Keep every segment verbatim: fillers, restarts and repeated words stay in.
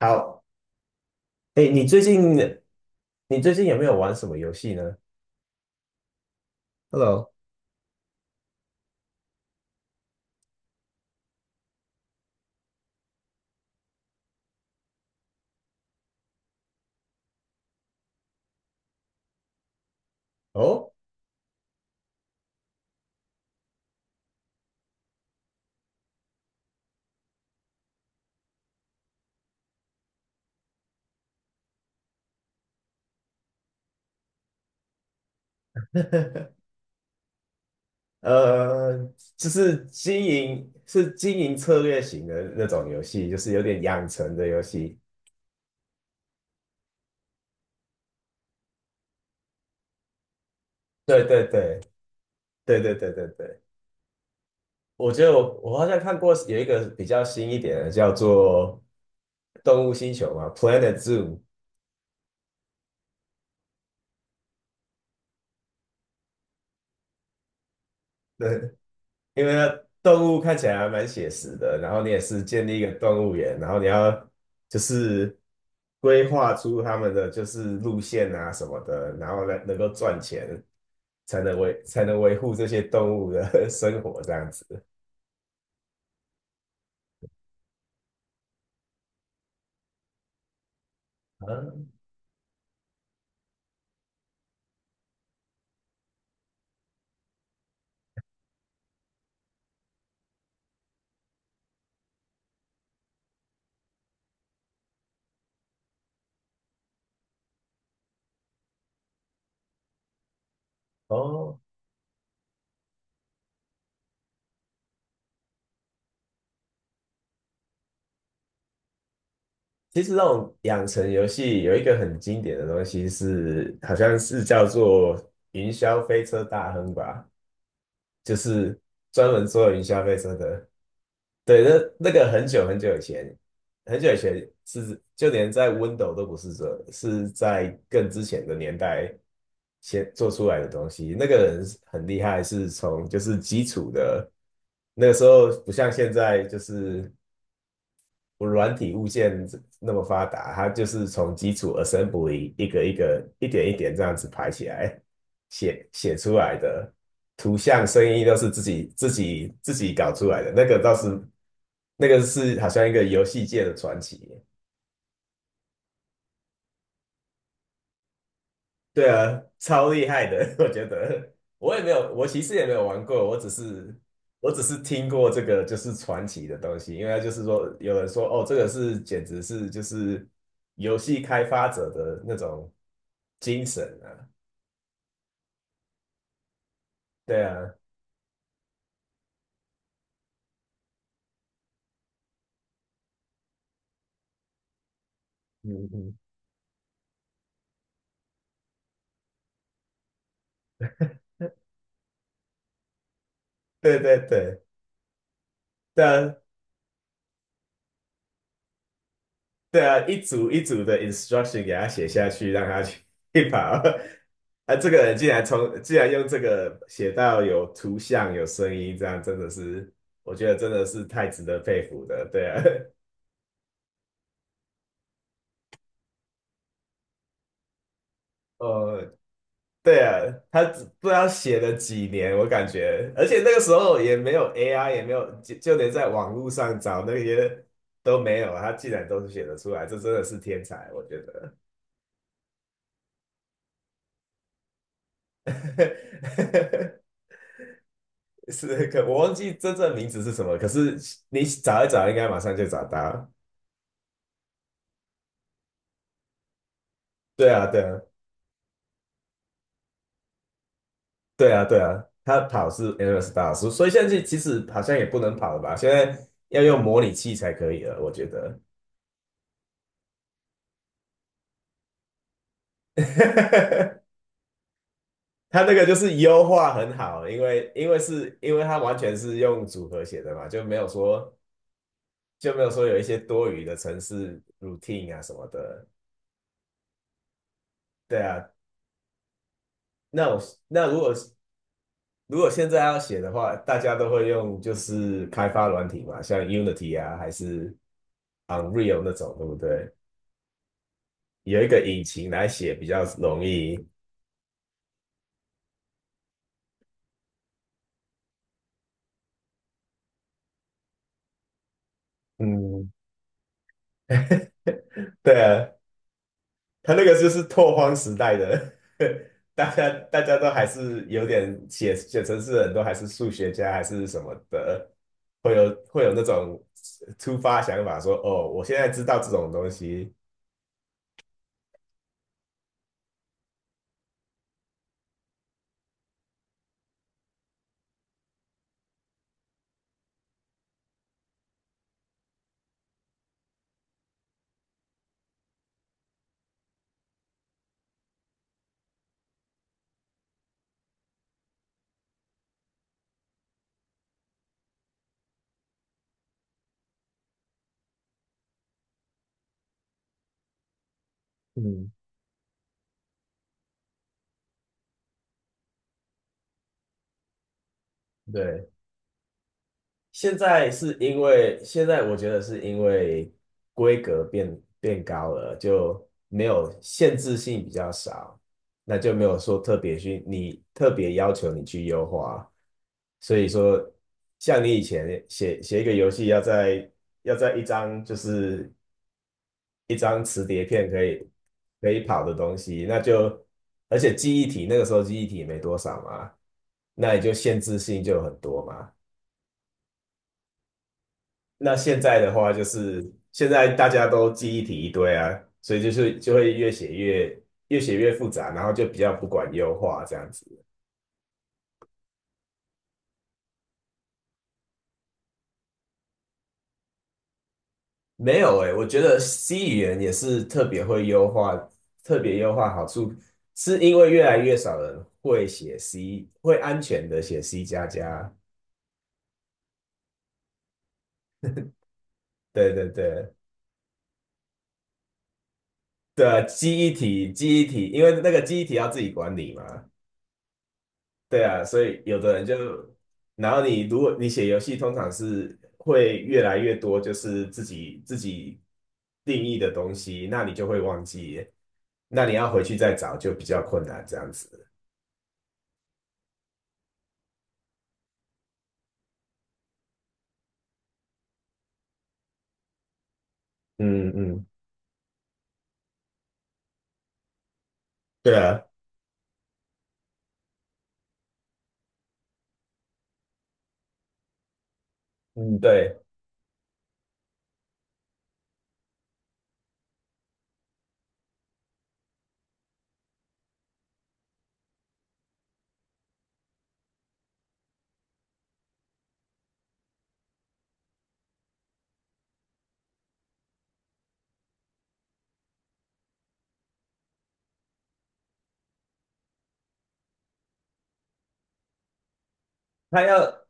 好。哎，你最近你最近有没有玩什么游戏呢？Hello。哦。呃，就是经营是经营策略型的那种游戏，就是有点养成的游戏。对对对对对对对对，我觉得我我好像看过有一个比较新一点的，叫做《动物星球》嘛，《Planet Zoo》。对。因为呢，动物看起来还蛮写实的，然后你也是建立一个动物园，然后你要就是规划出他们的就是路线啊什么的，然后呢能够赚钱，才能维才能维护这些动物的 生活这样子。嗯。哦。其实那种养成游戏有一个很经典的东西是，好像是叫做云霄飞车大亨吧。就是专门做云消费车的。对，那那个很久很久以前，很久以前是就连在 Windows 都不是这，是在更之前的年代先做出来的东西。那个人很厉害，是从就是基础的，那个时候不像现在就是我软体物件那么发达，它就是从基础 assembly 一个一个、一点一点这样子排起来，写写出来的图像、声音都是自己自己自己搞出来的。那个倒是，那个是好像一个游戏界的传奇。对啊，超厉害的，我觉得。我也没有，我其实也没有玩过，我只是我只是听过这个就是传奇的东西，因为它就是说有人说哦，这个是简直是就是游戏开发者的那种精神啊。对啊。嗯嗯。对对对。对啊。对啊，一组一组的 instruction 给他写下去，让他去 跑。啊，这个人竟然从竟然用这个写到有图像、有声音，这样真的是，我觉得真的是太值得佩服的。对啊。呃，对啊，他只不知道写了几年，我感觉，而且那个时候也没有 A I，也没有，就就连在网络上找那些都没有，他竟然都是写得出来，这真的是天才，我觉得。是可我忘记真正名字是什么，可是你找一找，应该马上就找到。对啊，对啊。对啊，对啊，他跑是 e n e s s s 所以现在其实好像也不能跑了吧？现在要用模拟器才可以了，我觉得。他那个就是优化很好，因为因为是因为他完全是用组合写的嘛，就没有说就没有说有一些多余的程式 routine 啊什么的。对啊。那我那如果是。如果现在要写的话，大家都会用就是开发软体嘛，像 Unity 啊，还是 Unreal 那种，对不对？有一个引擎来写比较容易。嗯。对啊，他那个就是拓荒时代的，大家大家都还是有点写写程式，人，都还是数学家还是什么的，会有会有那种突发想法说，哦，我现在知道这种东西。嗯。对，现在是因为现在我觉得是因为规格变变高了，就没有限制性比较少，那就没有说特别去你特别要求你去优化，所以说像你以前写写一个游戏要在要在一张就是一张磁碟片可以可以跑的东西，那就而且记忆体那个时候记忆体也没多少嘛，那也就限制性就很多嘛。那现在的话，就是现在大家都记忆体一堆啊，所以就是就会越写越越写越复杂，然后就比较不管优化这样子。没有诶，我觉得 C 语言也是特别会优化，特别优化好处是因为越来越少人会写 C，会安全的写 C 加加。对对对。对啊，记忆体记忆体，因为那个记忆体要自己管理嘛。对啊，所以有的人就，然后你如果你写游戏，通常是会越来越多，就是自己自己定义的东西，那你就会忘记，那你要回去再找就比较困难，这样子。嗯嗯。对啊。嗯对，他要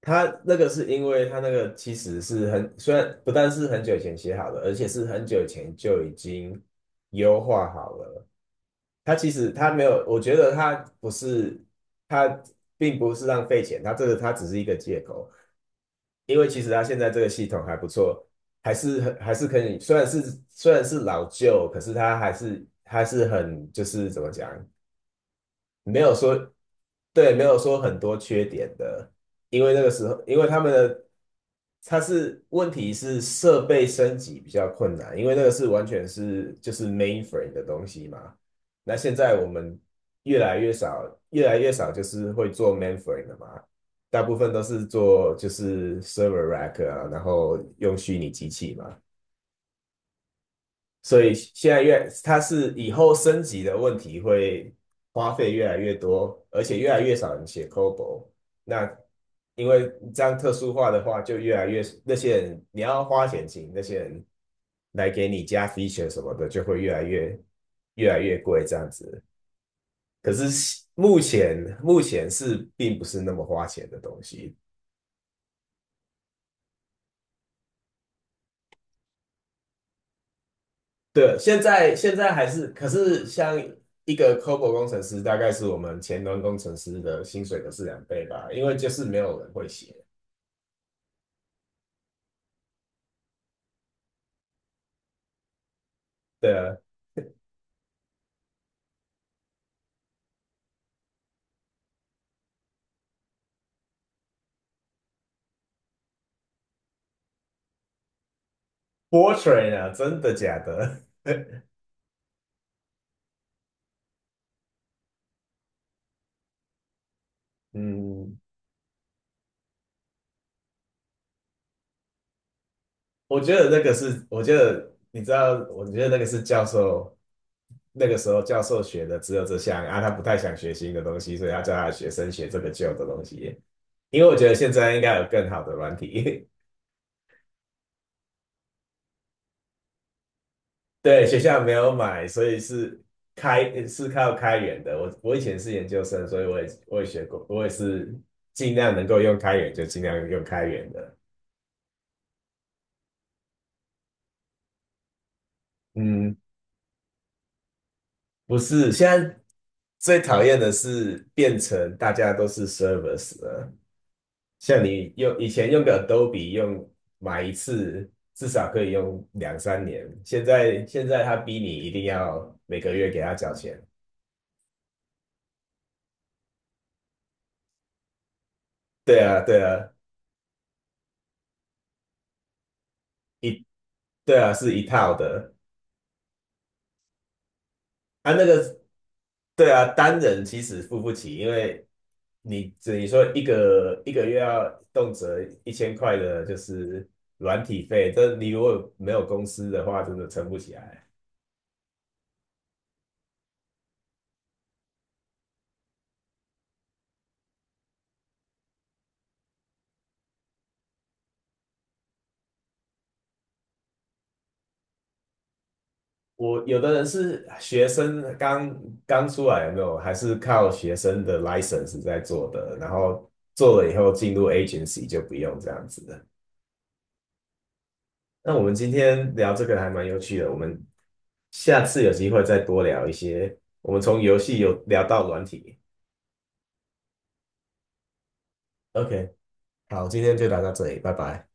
他那个是因为他那个其实是很，虽然不但是很久以前写好的，而且是很久以前就已经优化好了。他其实他没有，我觉得他不是，他并不是浪费钱，他这个他只是一个借口，因为其实他现在这个系统还不错，还是很还是可以，虽然是虽然是老旧，可是他还是还是很就是怎么讲，没有说，对，没有说很多缺点的，因为那个时候，因为他们的，它是问题是设备升级比较困难，因为那个是完全是就是 mainframe 的东西嘛。那现在我们越来越少，越来越少就是会做 mainframe 的嘛，大部分都是做就是 server rack 啊，然后用虚拟机器嘛。所以现在越，它是以后升级的问题会花费越来越多，而且越来越少人写 COBOL。那因为这样特殊化的话，就越来越那些人你要花钱请那些人来给你加 feature 什么的，就会越来越越来越贵这样子。可是目前目前是并不是那么花钱的东西，对，现在现在还是，可是像一个 COBOL 工程师，大概是我们前端工程师的薪水的是两倍吧，因为就是没有人会写。对啊，Fortran 啊，真的假的？嗯，我觉得那个是，我觉得你知道，我觉得那个是教授那个时候教授学的只有这项啊，他不太想学新的东西，所以他叫他的学生学这个旧的东西。因为我觉得现在应该有更好的软体。对，学校没有买，所以是开是靠开源的。我我以前是研究生，所以我也我也学过，我也是尽量能够用开源就尽量用开源的。嗯，不是，现在最讨厌的是变成大家都是 service 了。像你用以前用个 Adobe 用买一次，至少可以用两三年，现在现在他逼你一定要每个月给他缴钱。对啊，对啊，一对啊，是一套的。啊，那个对啊，单人其实付不起，因为你只你说一个一个月要动辄一千块的，就是软体费，这你如果没有公司的话，真的撑不起来。我有的人是学生刚刚出来，有没有？还是靠学生的 license 在做的，然后做了以后进入 agency 就不用这样子。那我们今天聊这个还蛮有趣的，我们下次有机会再多聊一些。我们从游戏有聊到软体。OK，好，今天就聊到这里，拜拜。